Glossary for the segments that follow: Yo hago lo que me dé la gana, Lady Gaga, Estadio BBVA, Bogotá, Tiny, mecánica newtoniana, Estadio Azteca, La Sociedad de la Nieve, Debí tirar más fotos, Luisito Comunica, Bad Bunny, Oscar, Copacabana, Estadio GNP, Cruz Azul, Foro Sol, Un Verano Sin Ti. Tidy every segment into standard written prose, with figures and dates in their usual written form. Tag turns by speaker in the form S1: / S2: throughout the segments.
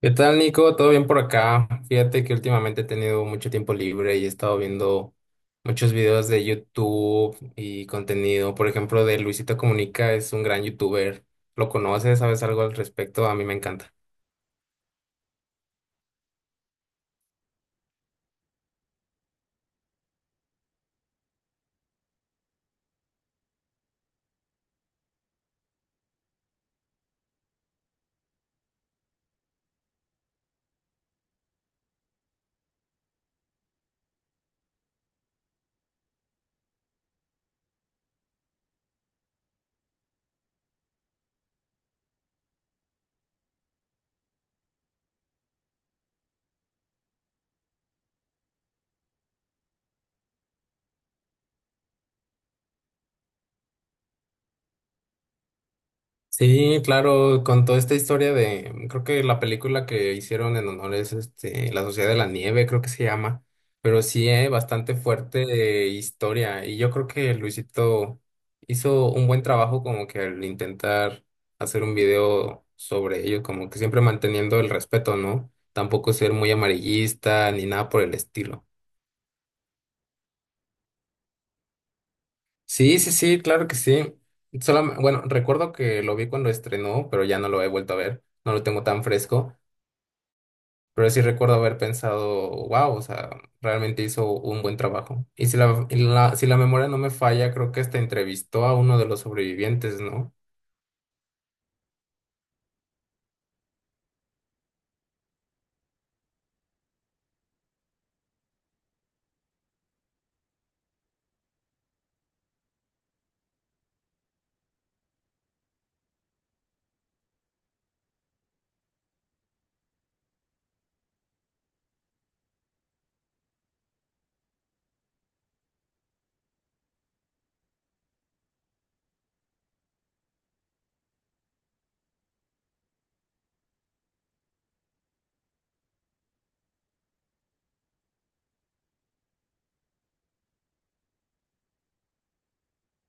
S1: ¿Qué tal, Nico? ¿Todo bien por acá? Fíjate que últimamente he tenido mucho tiempo libre y he estado viendo muchos videos de YouTube y contenido. Por ejemplo, de Luisito Comunica, es un gran youtuber. ¿Lo conoces? ¿Sabes algo al respecto? A mí me encanta. Sí, claro, con toda esta historia creo que la película que hicieron en honor es La Sociedad de la Nieve, creo que se llama, pero sí, bastante fuerte historia, y yo creo que Luisito hizo un buen trabajo, como que al intentar hacer un video sobre ello, como que siempre manteniendo el respeto, ¿no? Tampoco ser muy amarillista ni nada por el estilo. Sí, sí, sí, claro que sí. Bueno, recuerdo que lo vi cuando estrenó, pero ya no lo he vuelto a ver, no lo tengo tan fresco. Pero sí recuerdo haber pensado, wow. O sea, realmente hizo un buen trabajo. Si la memoria no me falla, creo que hasta entrevistó a uno de los sobrevivientes, ¿no?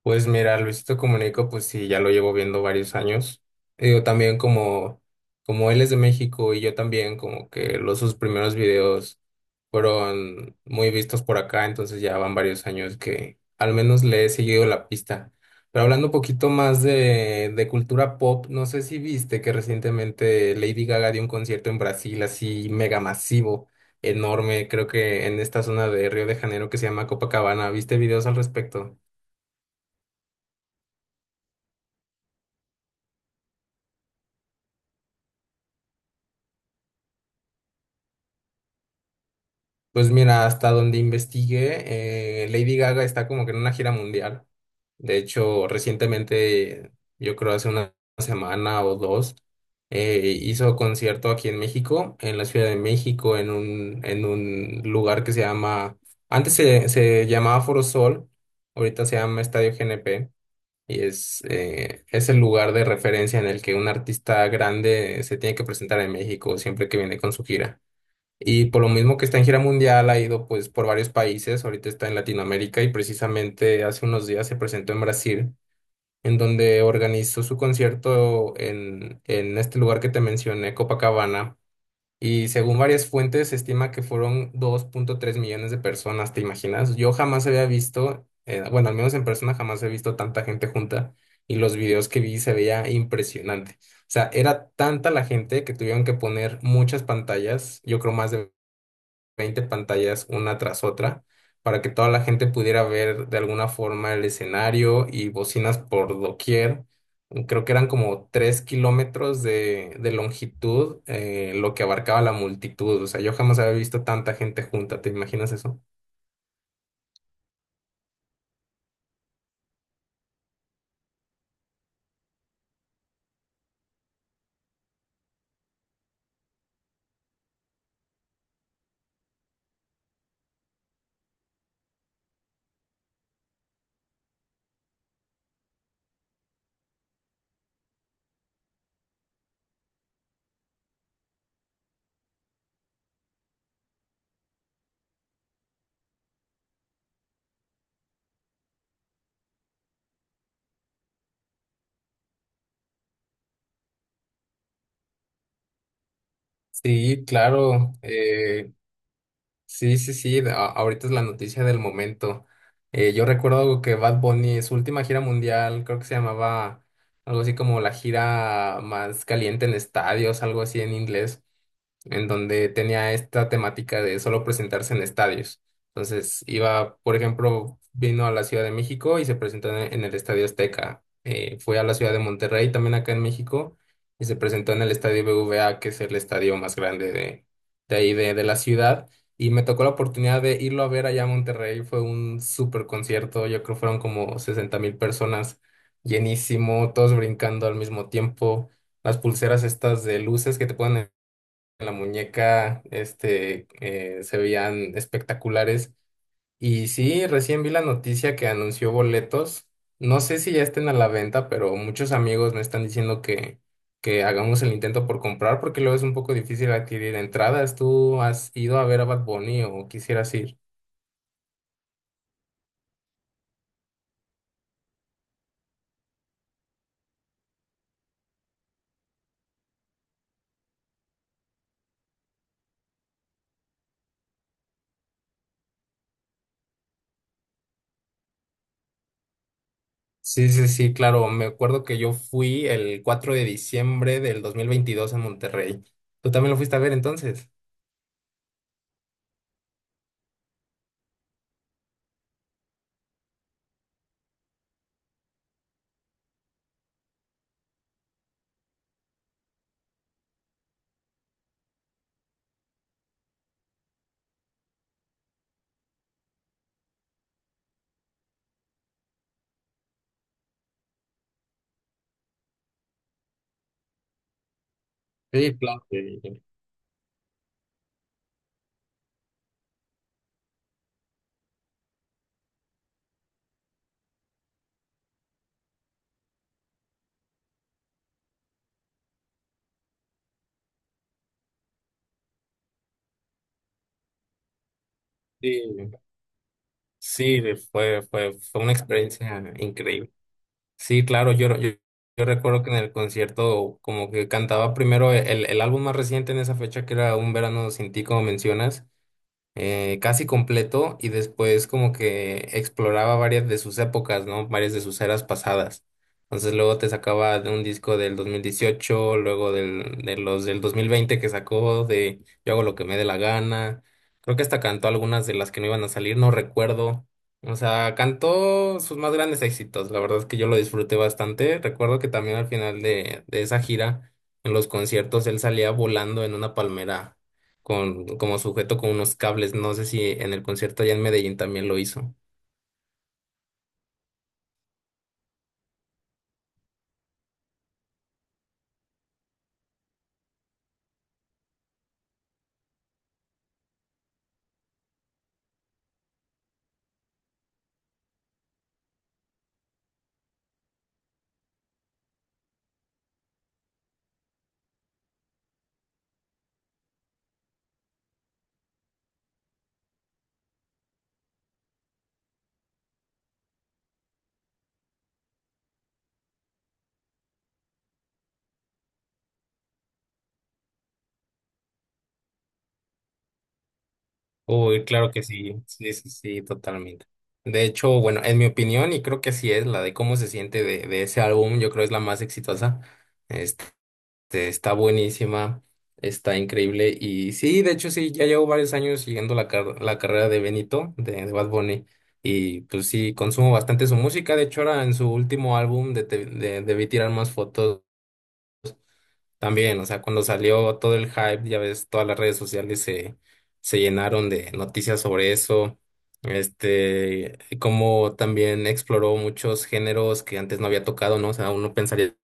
S1: Pues mira, Luisito Comunico, pues sí, ya lo llevo viendo varios años. Digo, también como él es de México, y yo también, como que los sus primeros videos fueron muy vistos por acá, entonces ya van varios años que al menos le he seguido la pista. Pero hablando un poquito más de cultura pop, no sé si viste que recientemente Lady Gaga dio un concierto en Brasil así mega masivo, enorme, creo que en esta zona de Río de Janeiro que se llama Copacabana. ¿Viste videos al respecto? Pues mira, hasta donde investigué, Lady Gaga está como que en una gira mundial. De hecho, recientemente, yo creo hace una semana o dos, hizo concierto aquí en México, en la Ciudad de México, en un lugar que se llama, antes se llamaba Foro Sol, ahorita se llama Estadio GNP, y es el lugar de referencia en el que un artista grande se tiene que presentar en México siempre que viene con su gira. Y por lo mismo que está en gira mundial, ha ido pues por varios países. Ahorita está en Latinoamérica, y precisamente hace unos días se presentó en Brasil, en donde organizó su concierto en este lugar que te mencioné, Copacabana. Y según varias fuentes, se estima que fueron 2.3 millones de personas. ¿Te imaginas? Yo jamás había visto, bueno, al menos en persona jamás he visto tanta gente junta, y los videos que vi se veía impresionante. O sea, era tanta la gente que tuvieron que poner muchas pantallas, yo creo más de 20 pantallas una tras otra, para que toda la gente pudiera ver de alguna forma el escenario, y bocinas por doquier. Creo que eran como 3 kilómetros de longitud, lo que abarcaba la multitud. O sea, yo jamás había visto tanta gente junta. ¿Te imaginas eso? Sí, claro. Sí, sí, sí, ahorita es la noticia del momento. Yo recuerdo que Bad Bunny, su última gira mundial, creo que se llamaba algo así como la gira más caliente en estadios, algo así en inglés, en donde tenía esta temática de solo presentarse en estadios. Entonces iba, por ejemplo, vino a la Ciudad de México y se presentó en el Estadio Azteca. Fue a la Ciudad de Monterrey, también acá en México, y se presentó en el Estadio BBVA, que es el estadio más grande de ahí, de la ciudad. Y me tocó la oportunidad de irlo a ver allá a Monterrey. Fue un súper concierto. Yo creo que fueron como 60,000 personas, llenísimo, todos brincando al mismo tiempo. Las pulseras estas de luces que te ponen en la muñeca, se veían espectaculares. Y sí, recién vi la noticia que anunció boletos. No sé si ya estén a la venta, pero muchos amigos me están diciendo que hagamos el intento por comprar porque luego es un poco difícil adquirir entradas. ¿Tú has ido a ver a Bad Bunny o quisieras ir? Sí, sí, sí, claro. Me acuerdo que yo fui el 4 de diciembre del 2022 en Monterrey. ¿Tú también lo fuiste a ver entonces? Sí, claro. Sí. Sí. Sí, fue una experiencia increíble. Sí, claro, yo recuerdo que en el concierto como que cantaba primero el álbum más reciente en esa fecha que era Un Verano Sin Ti, como mencionas, casi completo, y después como que exploraba varias de sus épocas, ¿no? Varias de sus eras pasadas. Entonces luego te sacaba de un disco del 2018, luego de los del 2020 que sacó de Yo hago lo que me dé la gana. Creo que hasta cantó algunas de las que no iban a salir, no recuerdo. O sea, cantó sus más grandes éxitos. La verdad es que yo lo disfruté bastante. Recuerdo que también al final de esa gira, en los conciertos, él salía volando en una palmera como sujeto con unos cables. No sé si en el concierto allá en Medellín también lo hizo. Uy, claro que sí, sí, sí, sí, totalmente. De hecho, bueno, en mi opinión, y creo que sí es la de cómo se siente de ese álbum, yo creo es la más exitosa. Este, está buenísima, está increíble. Y sí, de hecho, sí, ya llevo varios años siguiendo la carrera de Benito, de Bad Bunny. Y pues sí, consumo bastante su música. De hecho, ahora en su último álbum de Debí tirar más fotos. También, o sea, cuando salió todo el hype, ya ves, todas las redes sociales se llenaron de noticias sobre eso. Como también exploró muchos géneros que antes no había tocado, ¿no? O sea, uno pensaría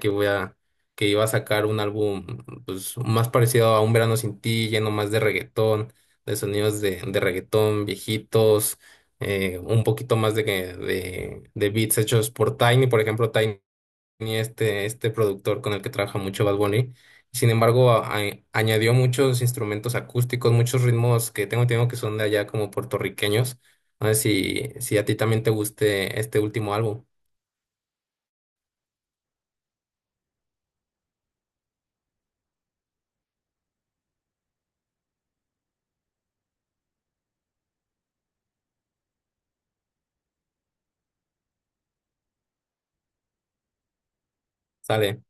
S1: que voy a, que iba a sacar un álbum, pues, más parecido a Un Verano Sin Ti, lleno más de reggaetón, de sonidos de reggaetón viejitos, un poquito más de beats hechos por Tiny. Por ejemplo, Tiny tenía este productor con el que trabaja mucho Bad Bunny. Sin embargo, añadió muchos instrumentos acústicos, muchos ritmos que tengo entendido que son de allá como puertorriqueños. No sé si a ti también te guste este último álbum. Sale.